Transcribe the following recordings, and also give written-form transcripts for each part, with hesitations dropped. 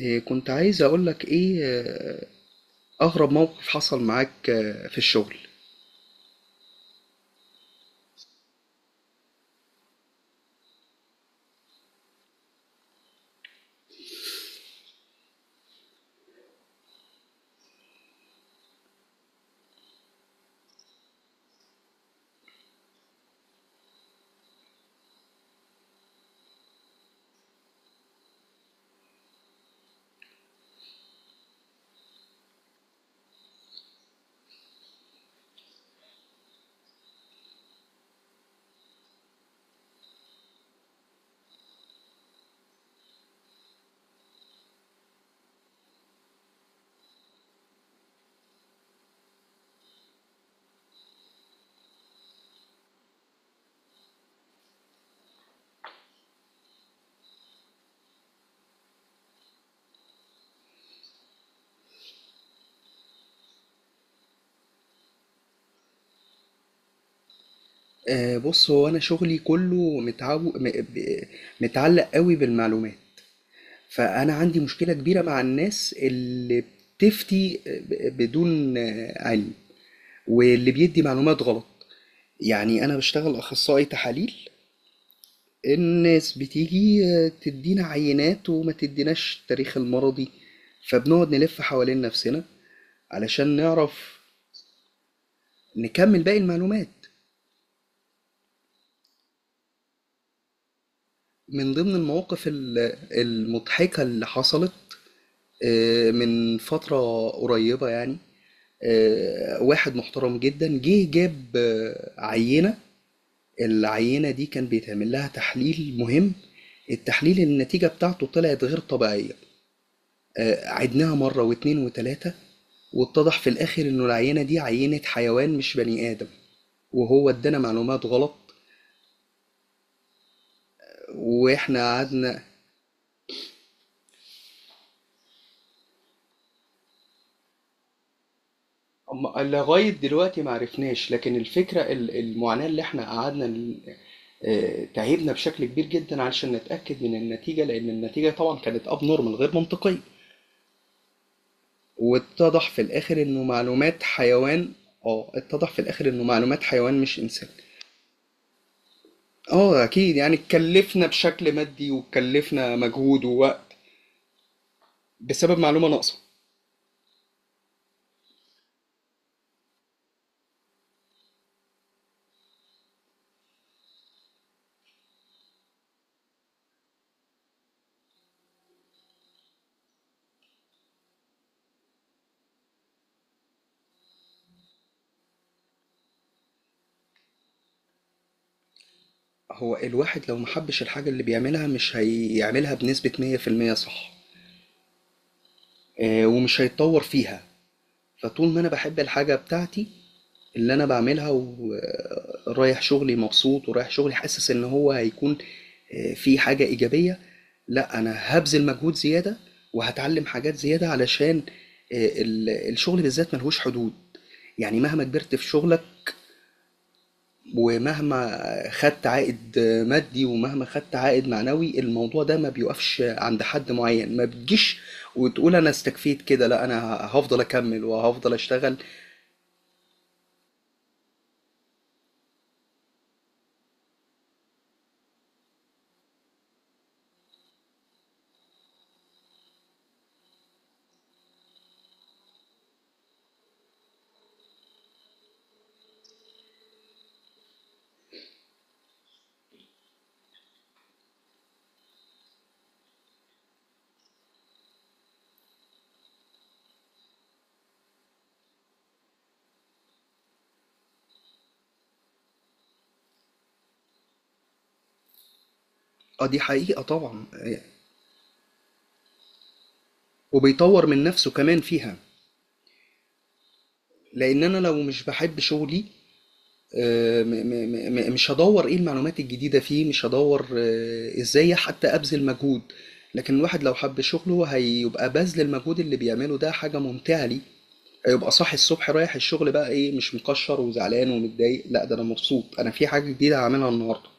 إيه، كنت عايز أقولك إيه أغرب موقف حصل معاك في الشغل. بص، هو أنا شغلي كله متعلق قوي بالمعلومات. فأنا عندي مشكلة كبيرة مع الناس اللي بتفتي بدون علم واللي بيدي معلومات غلط. يعني أنا بشتغل أخصائي تحاليل، الناس بتيجي تدينا عينات وما تديناش التاريخ المرضي، فبنقعد نلف حوالين نفسنا علشان نعرف نكمل باقي المعلومات. من ضمن المواقف المضحكة اللي حصلت من فترة قريبة، يعني واحد محترم جدًا جه جاب عينة، العينة دي كان بيتعمل لها تحليل مهم، التحليل النتيجة بتاعته طلعت غير طبيعية، عِدناها مرة و2 و3، واتضح في الآخر إنه العينة دي عينة حيوان مش بني آدم، وهو ادانا معلومات غلط وإحنا قعدنا. لغاية دلوقتي معرفناش، لكن الفكرة المعاناة اللي احنا قعدنا تعبنا بشكل كبير جدا علشان نتأكد من النتيجة، لأن النتيجة طبعا كانت اب نورمال غير منطقية، واتضح في الآخر إنه معلومات حيوان. اه، اتضح في الآخر إنه معلومات حيوان مش إنسان. اه، أكيد يعني اتكلفنا بشكل مادي واتكلفنا مجهود ووقت بسبب معلومة ناقصة. هو الواحد لو محبش الحاجة اللي بيعملها مش هيعملها بنسبة 100% صح؟ ومش هيتطور فيها. فطول ما أنا باحب الحاجة بتاعتي اللي أنا باعملها ورايح شغلي مبسوط ورايح شغلي حاسس إن هو هيكون في حاجة إيجابية، لأ أنا هبذل مجهود زيادة وهتعلم حاجات زيادة علشان الشغل بالذات ملهوش حدود. يعني مهما كبرت في شغلك ومهما خدت عائد مادي ومهما خدت عائد معنوي الموضوع ده ما بيوقفش عند حد معين، ما بتجيش وتقول أنا استكفيت كده، لأ أنا هفضل أكمل وهفضل أشتغل. اه، دي حقيقة طبعا، وبيطور من نفسه كمان فيها. لأن أنا لو مش بحب شغلي مش هدور إيه المعلومات الجديدة فيه، مش هدور إزاي حتى أبذل مجهود. لكن الواحد لو حب شغله هيبقى بذل المجهود اللي بيعمله ده حاجة ممتعة ليه، هيبقى صاحي الصبح رايح الشغل بقى إيه؟ مش مكشر وزعلان ومتضايق، لا ده أنا مبسوط، أنا في حاجة جديدة هعملها النهاردة.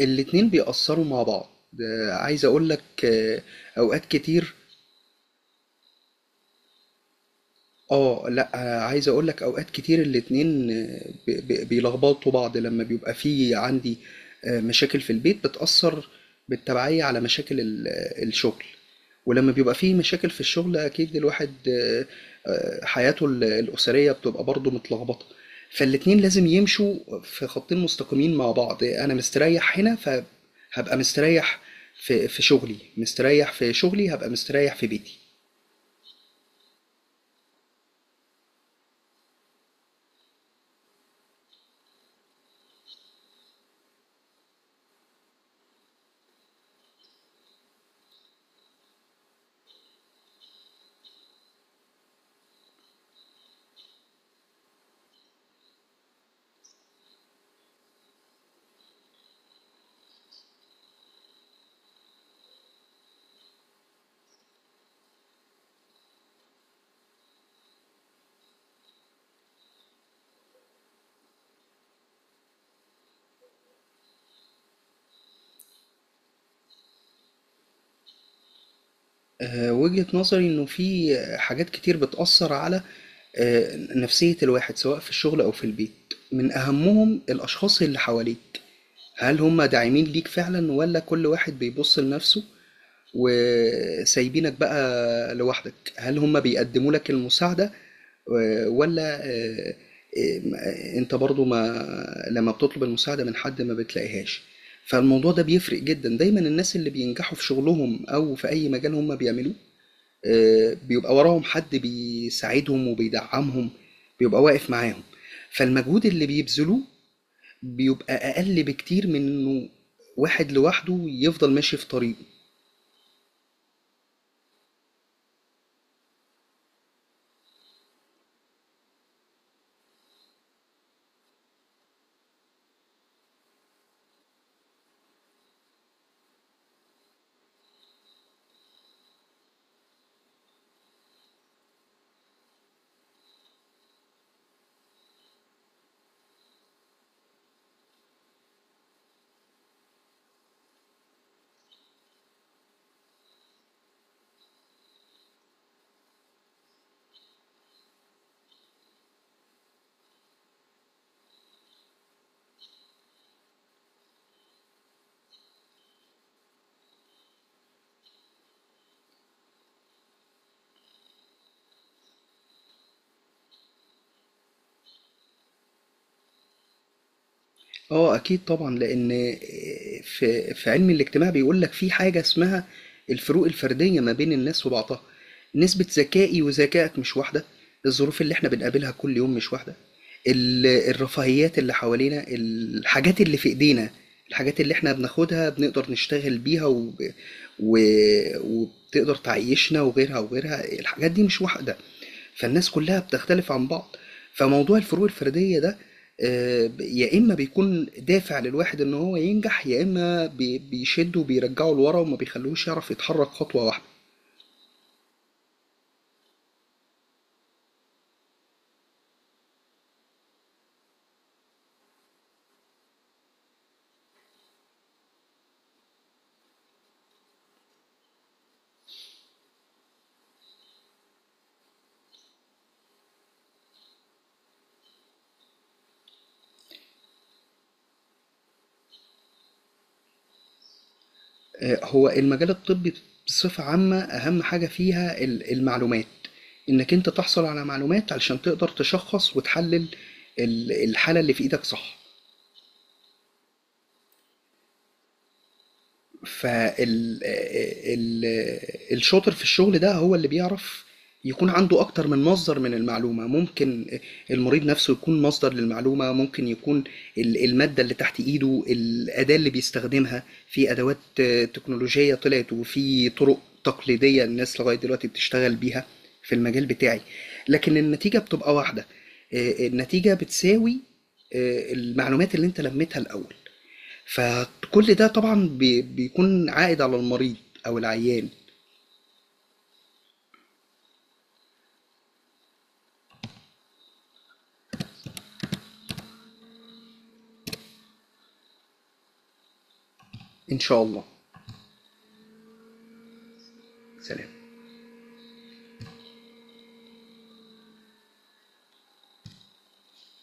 الاتنين بيأثروا مع بعض. عايز أقولك أوقات كتير. اه، لا عايز اقول لك اوقات كتير الاتنين بيلخبطوا بعض، لما بيبقى في عندي مشاكل في البيت بتأثر بالتبعية على مشاكل الشغل، ولما بيبقى في مشاكل في الشغل اكيد الواحد حياته الأسرية بتبقى برضه متلخبطة. فالاتنين لازم يمشوا في خطين مستقيمين مع بعض، انا مستريح هنا فهبقى مستريح في شغلي، مستريح في شغلي هبقى مستريح في بيتي. وجهة نظري إنه في حاجات كتير بتأثر على نفسية الواحد سواء في الشغل أو في البيت، من أهمهم الأشخاص اللي حواليك. هل هم داعمين ليك فعلا ولا كل واحد بيبص لنفسه وسايبينك بقى لوحدك؟ هل هم بيقدموا لك المساعدة آه، ولا آه، آه، انت برضو ما لما بتطلب المساعدة من حد ما بتلاقيهاش. فالموضوع ده بيفرق جدا، دايما الناس اللي بينجحوا في شغلهم او في اي مجال هم بيعملوه بيبقى وراهم حد بيساعدهم وبيدعمهم، بيبقى واقف معاهم، فالمجهود اللي بيبذلوه بيبقى أقل بكتير من إنه واحد لوحده يفضل ماشي في طريقه. اه، اكيد طبعا لان في علم الاجتماع بيقول لك في حاجه اسمها الفروق الفرديه ما بين الناس وبعضها، نسبه ذكائي وذكائك مش واحده، الظروف اللي احنا بنقابلها كل يوم مش واحده، الرفاهيات اللي حوالينا الحاجات اللي في ايدينا، الحاجات اللي احنا بناخدها بنقدر نشتغل بيها و... وبتقدر تعيشنا وغيرها وغيرها، الحاجات دي مش واحده، فالناس كلها بتختلف عن بعض. فموضوع الفروق الفردية ده يا إما بيكون دافع للواحد إن هو ينجح يا إما بيشده وبيرجعه لورا وما بيخلوش يعرف يتحرك خطوة واحدة. هو المجال الطبي بصفة عامة أهم حاجة فيها المعلومات، إنك أنت تحصل على معلومات علشان تقدر تشخص وتحلل الحالة اللي في إيدك صح. فال ال الشاطر في الشغل ده هو اللي بيعرف يكون عنده أكتر من مصدر من المعلومة، ممكن المريض نفسه يكون مصدر للمعلومة، ممكن يكون المادة اللي تحت إيده الأداة اللي بيستخدمها، في أدوات تكنولوجية طلعت وفي طرق تقليدية الناس لغاية دلوقتي بتشتغل بيها في المجال بتاعي، لكن النتيجة بتبقى واحدة. النتيجة بتساوي المعلومات اللي انت لميتها الأول، فكل ده طبعا بيكون عائد على المريض أو العيان. إن شاء الله. سلام.